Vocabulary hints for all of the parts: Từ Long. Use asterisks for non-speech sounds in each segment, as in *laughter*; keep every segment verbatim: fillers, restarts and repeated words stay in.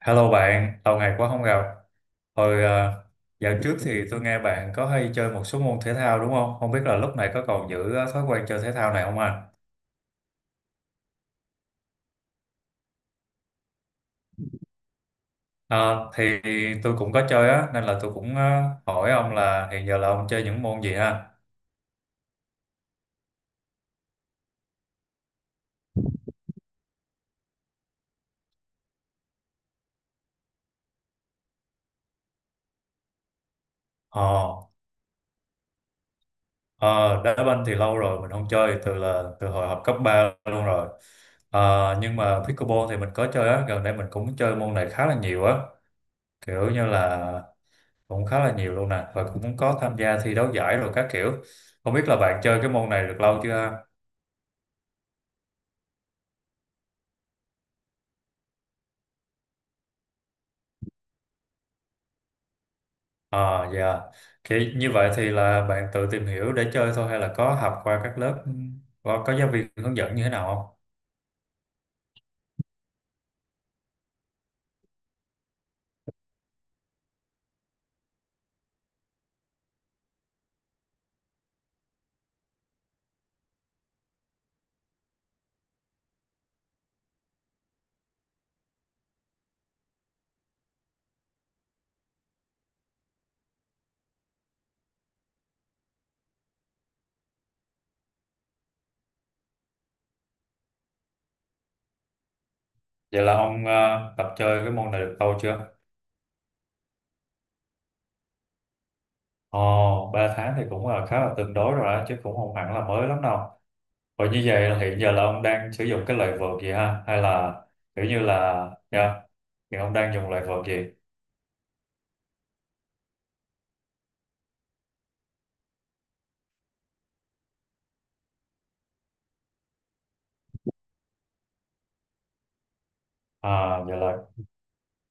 Hello bạn, lâu ngày quá không gặp. Hồi ờ, Dạo trước thì tôi nghe bạn có hay chơi một số môn thể thao đúng không? Không biết là lúc này có còn giữ ờ, thói quen chơi thể thao này không anh? Ờ, thì tôi cũng có chơi á, nên là tôi cũng ờ, hỏi ông là hiện giờ là ông chơi những môn gì ha? Ờ, ờ, Đá banh thì lâu rồi mình không chơi, từ là từ hồi học cấp ba luôn rồi. Ờ, nhưng mà pickleball thì mình có chơi á, gần đây mình cũng chơi môn này khá là nhiều á, kiểu như là cũng khá là nhiều luôn nè, và cũng có tham gia thi đấu giải rồi các kiểu. Không biết là bạn chơi cái môn này được lâu chưa ha? À, dạ, thì như vậy thì là bạn tự tìm hiểu để chơi thôi hay là có học qua các lớp, có, có giáo viên hướng dẫn như thế nào không? Vậy là ông ờ, tập chơi cái môn này được lâu chưa? Ồ, ba tháng thì cũng là khá là tương đối rồi đó chứ, cũng không hẳn là mới lắm đâu. Và như vậy là hiện giờ là ông đang sử dụng cái loại vợt gì ha, hay là kiểu như là, dạ, thì ông đang dùng loại vợt gì? À, vậy là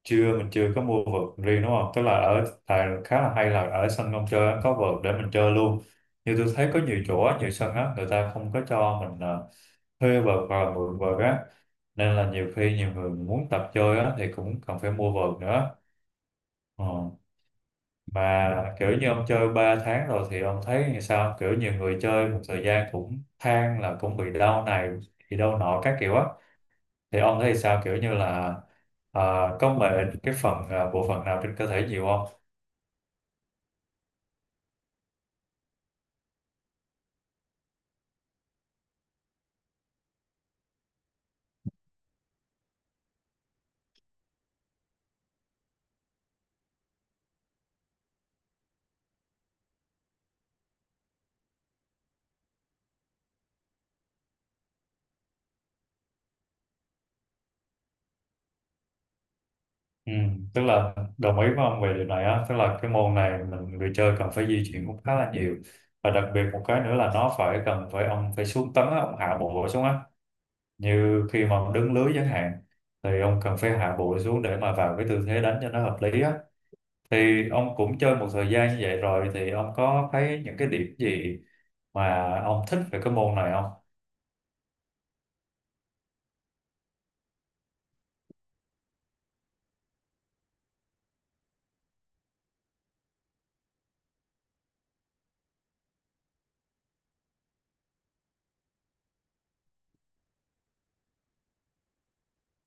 chưa mình chưa có mua vợt riêng đúng không, tức là ở tại khá là, hay là ở sân ông chơi á, có vợt để mình chơi luôn. Như tôi thấy có nhiều chỗ á, nhiều sân á người ta không có cho mình ờ, thuê vợt và mượn vợt á, nên là nhiều khi nhiều người muốn tập chơi á thì cũng cần phải mua vợt nữa. Ờ. Mà kiểu như ông chơi ba tháng rồi thì ông thấy như sao, kiểu nhiều người chơi một thời gian cũng than là cũng bị đau này bị đau nọ các kiểu á, thì ông thấy sao kiểu như là, à, có mệt cái phần à, bộ phận nào trên cơ thể nhiều không? Ừ, tức là đồng ý với ông về điều này á, tức là cái môn này mình người chơi cần phải di chuyển cũng khá là nhiều, và đặc biệt một cái nữa là nó phải cần phải ông phải xuống tấn á, ông hạ bộ xuống á, như khi mà ông đứng lưới chẳng hạn thì ông cần phải hạ bộ xuống để mà vào cái tư thế đánh cho nó hợp lý á. Thì ông cũng chơi một thời gian như vậy rồi thì ông có thấy những cái điểm gì mà ông thích về cái môn này không?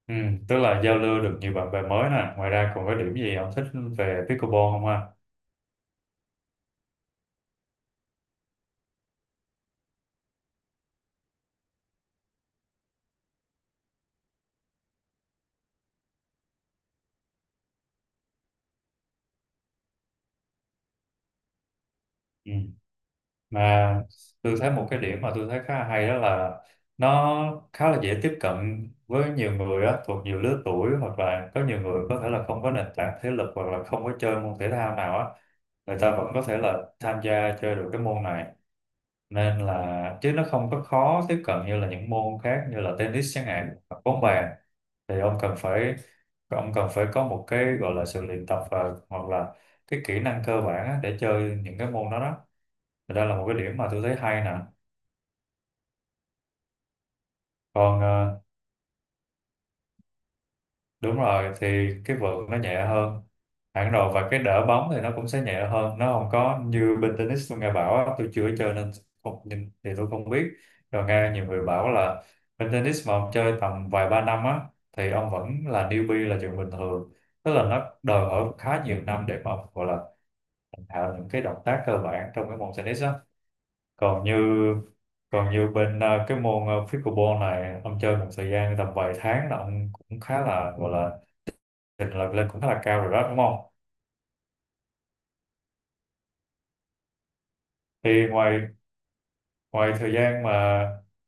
Ừ, tức là giao lưu được nhiều bạn bè mới nè, ngoài ra còn có điểm gì ông thích về pickleball không ha? Ừ. Mà tôi thấy một cái điểm mà tôi thấy khá là hay đó là nó khá là dễ tiếp cận với nhiều người á, thuộc nhiều lứa tuổi, hoặc là có nhiều người có thể là không có nền tảng thể lực hoặc là không có chơi môn thể thao nào á, người ta vẫn có thể là tham gia chơi được cái môn này, nên là chứ nó không có khó tiếp cận như là những môn khác như là tennis chẳng hạn hoặc bóng bàn, thì ông cần phải, ông cần phải có một cái gọi là sự luyện tập, và hoặc là cái kỹ năng cơ bản á, để chơi những cái môn đó đó, thì đó là một cái điểm mà tôi thấy hay nè. còn ờ, Đúng rồi, thì cái vợt nó nhẹ hơn hẳn rồi, và cái đỡ bóng thì nó cũng sẽ nhẹ hơn, nó không có như bên tennis tôi nghe bảo á, tôi chưa chơi nên không nhìn thì tôi không biết. Rồi nghe nhiều người bảo là bên tennis mà ông chơi tầm vài ba năm á thì ông vẫn là newbie là chuyện bình thường, tức là nó đòi hỏi khá nhiều năm để mà ông gọi là thành thạo những cái động tác cơ bản trong cái môn tennis á. Còn như còn như bên ờ, cái môn ờ, pickleball này ông chơi một thời gian tầm vài tháng là ông cũng khá là gọi là trình là lên cũng khá là cao rồi đó đúng không? Thì ngoài ngoài thời gian mà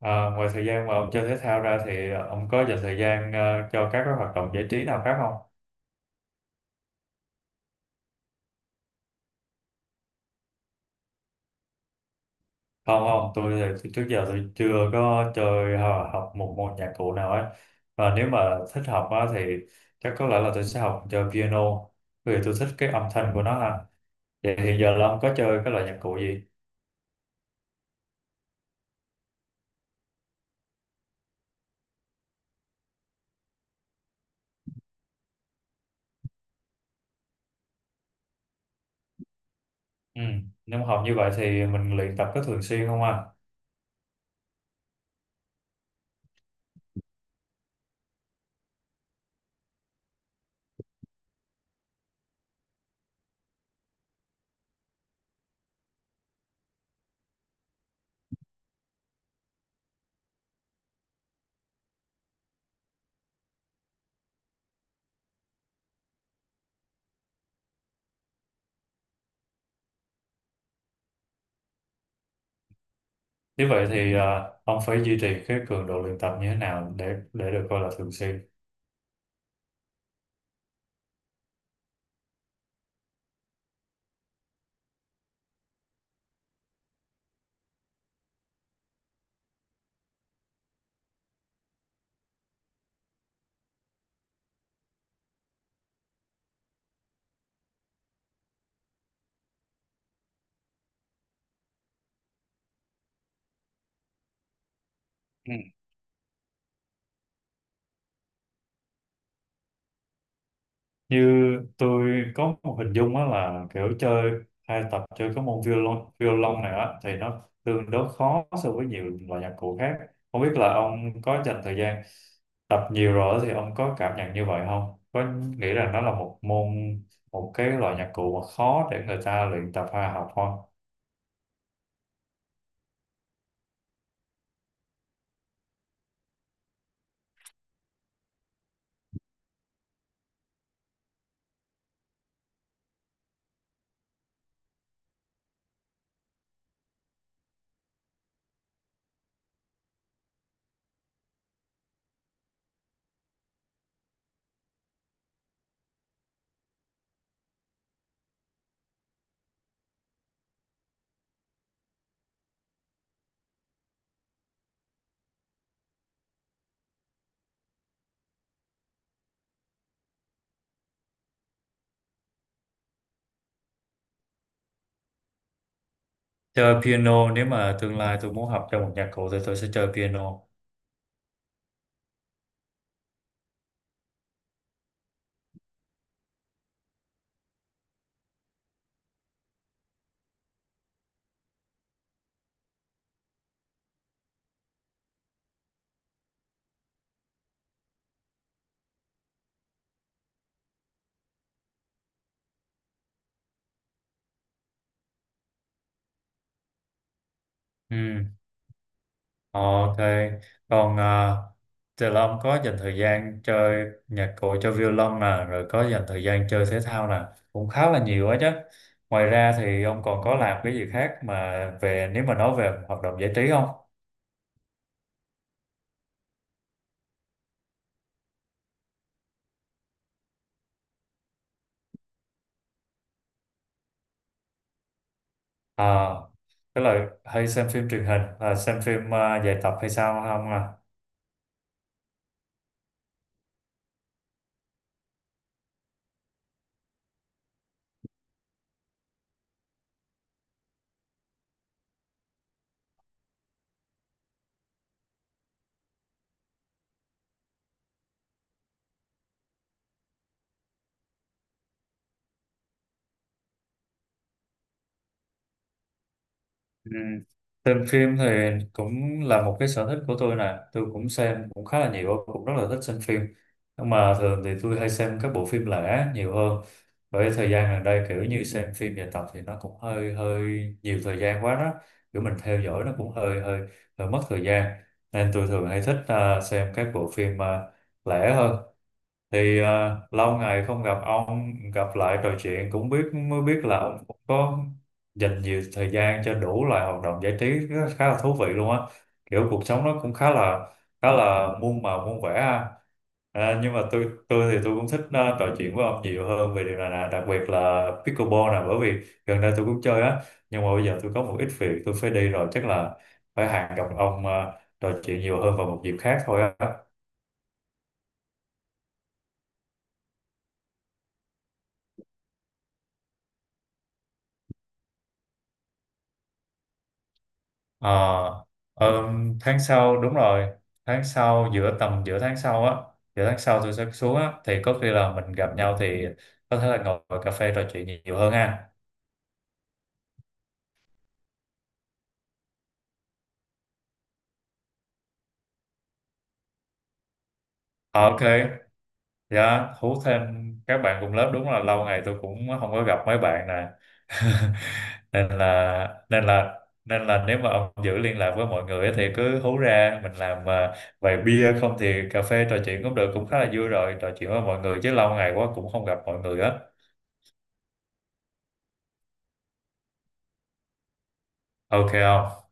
à, Ngoài thời gian mà ông chơi thể thao ra thì ông có dành thời gian à, cho các cái hoạt động giải trí nào khác không? Không, không, tôi thì trước giờ tôi chưa có chơi hoặc học một môn nhạc cụ nào ấy, và nếu mà thích học á, thì chắc có lẽ là tôi sẽ học chơi piano, bởi vì tôi thích cái âm thanh của nó ha. Vậy thì giờ là ông có chơi cái loại nhạc cụ gì? Ừ, nếu mà học như vậy thì mình luyện tập có thường xuyên không ạ? Nếu vậy thì ờ, ông phải duy trì cái cường độ luyện tập như thế nào để để được coi là thường xuyên. Ừ. Như tôi có một hình dung á là kiểu chơi hay tập chơi cái môn violon, violon này á thì nó tương đối khó so với nhiều loại nhạc cụ khác. Không biết là ông có dành thời gian tập nhiều rồi thì ông có cảm nhận như vậy không? Có nghĩ rằng nó là một môn, một cái loại nhạc cụ mà khó để người ta luyện tập hay học không? Chơi piano, nếu mà tương lai tôi muốn học chơi một nhạc cụ thì tôi sẽ chơi piano. Ừ. Ok, còn à, Từ Long có dành thời gian chơi nhạc cụ cho violon nè, rồi có dành thời gian chơi thể thao nè, cũng khá là nhiều á chứ. Ngoài ra thì ông còn có làm cái gì khác mà, về nếu mà nói về hoạt động giải trí không? À, tức là hay xem phim truyền hình, à, xem phim à, dài tập hay sao không à? Ừ. Xem phim thì cũng là một cái sở thích của tôi nè, tôi cũng xem cũng khá là nhiều, cũng rất là thích xem phim, nhưng mà thường thì tôi hay xem các bộ phim lẻ nhiều hơn, bởi thời gian gần đây kiểu như xem phim dài tập thì nó cũng hơi hơi nhiều thời gian quá đó, kiểu mình theo dõi nó cũng hơi hơi, hơi mất thời gian, nên tôi thường hay thích à, xem các bộ phim à, lẻ hơn. Thì à, lâu ngày không gặp ông, gặp lại trò chuyện cũng biết, mới biết là ông cũng có dành nhiều thời gian cho đủ loại hoạt động giải trí rất- khá là thú vị luôn á, kiểu cuộc sống nó cũng khá là, khá là muôn màu muôn vẻ ha. À, nhưng mà tôi tôi thì tôi cũng thích à, trò chuyện với ông nhiều hơn về điều này nè, đặc biệt là pickleball nè, bởi vì gần đây tôi cũng chơi á, nhưng mà bây giờ tôi có một ít việc tôi phải đi rồi, chắc là phải hẹn gặp ông à, trò chuyện nhiều hơn vào một dịp khác thôi á. Ờ, ờm, Tháng sau đúng rồi, tháng sau giữa, tầm giữa tháng sau á, giữa tháng sau tôi sẽ xuống á, thì có khi là mình gặp nhau thì có thể là ngồi cà phê trò chuyện nhiều nhiều hơn ha. Ờ, ok, dạ, hú thêm các bạn cùng lớp, đúng là lâu ngày tôi cũng không có gặp mấy bạn nè. *laughs* nên là nên là nên là nếu mà ông giữ liên lạc với mọi người á thì cứ hú ra mình làm ờ, vài bia, không thì cà phê trò chuyện cũng được, cũng khá là vui rồi trò chuyện với mọi người, chứ lâu ngày quá cũng không gặp mọi người á. Ok không?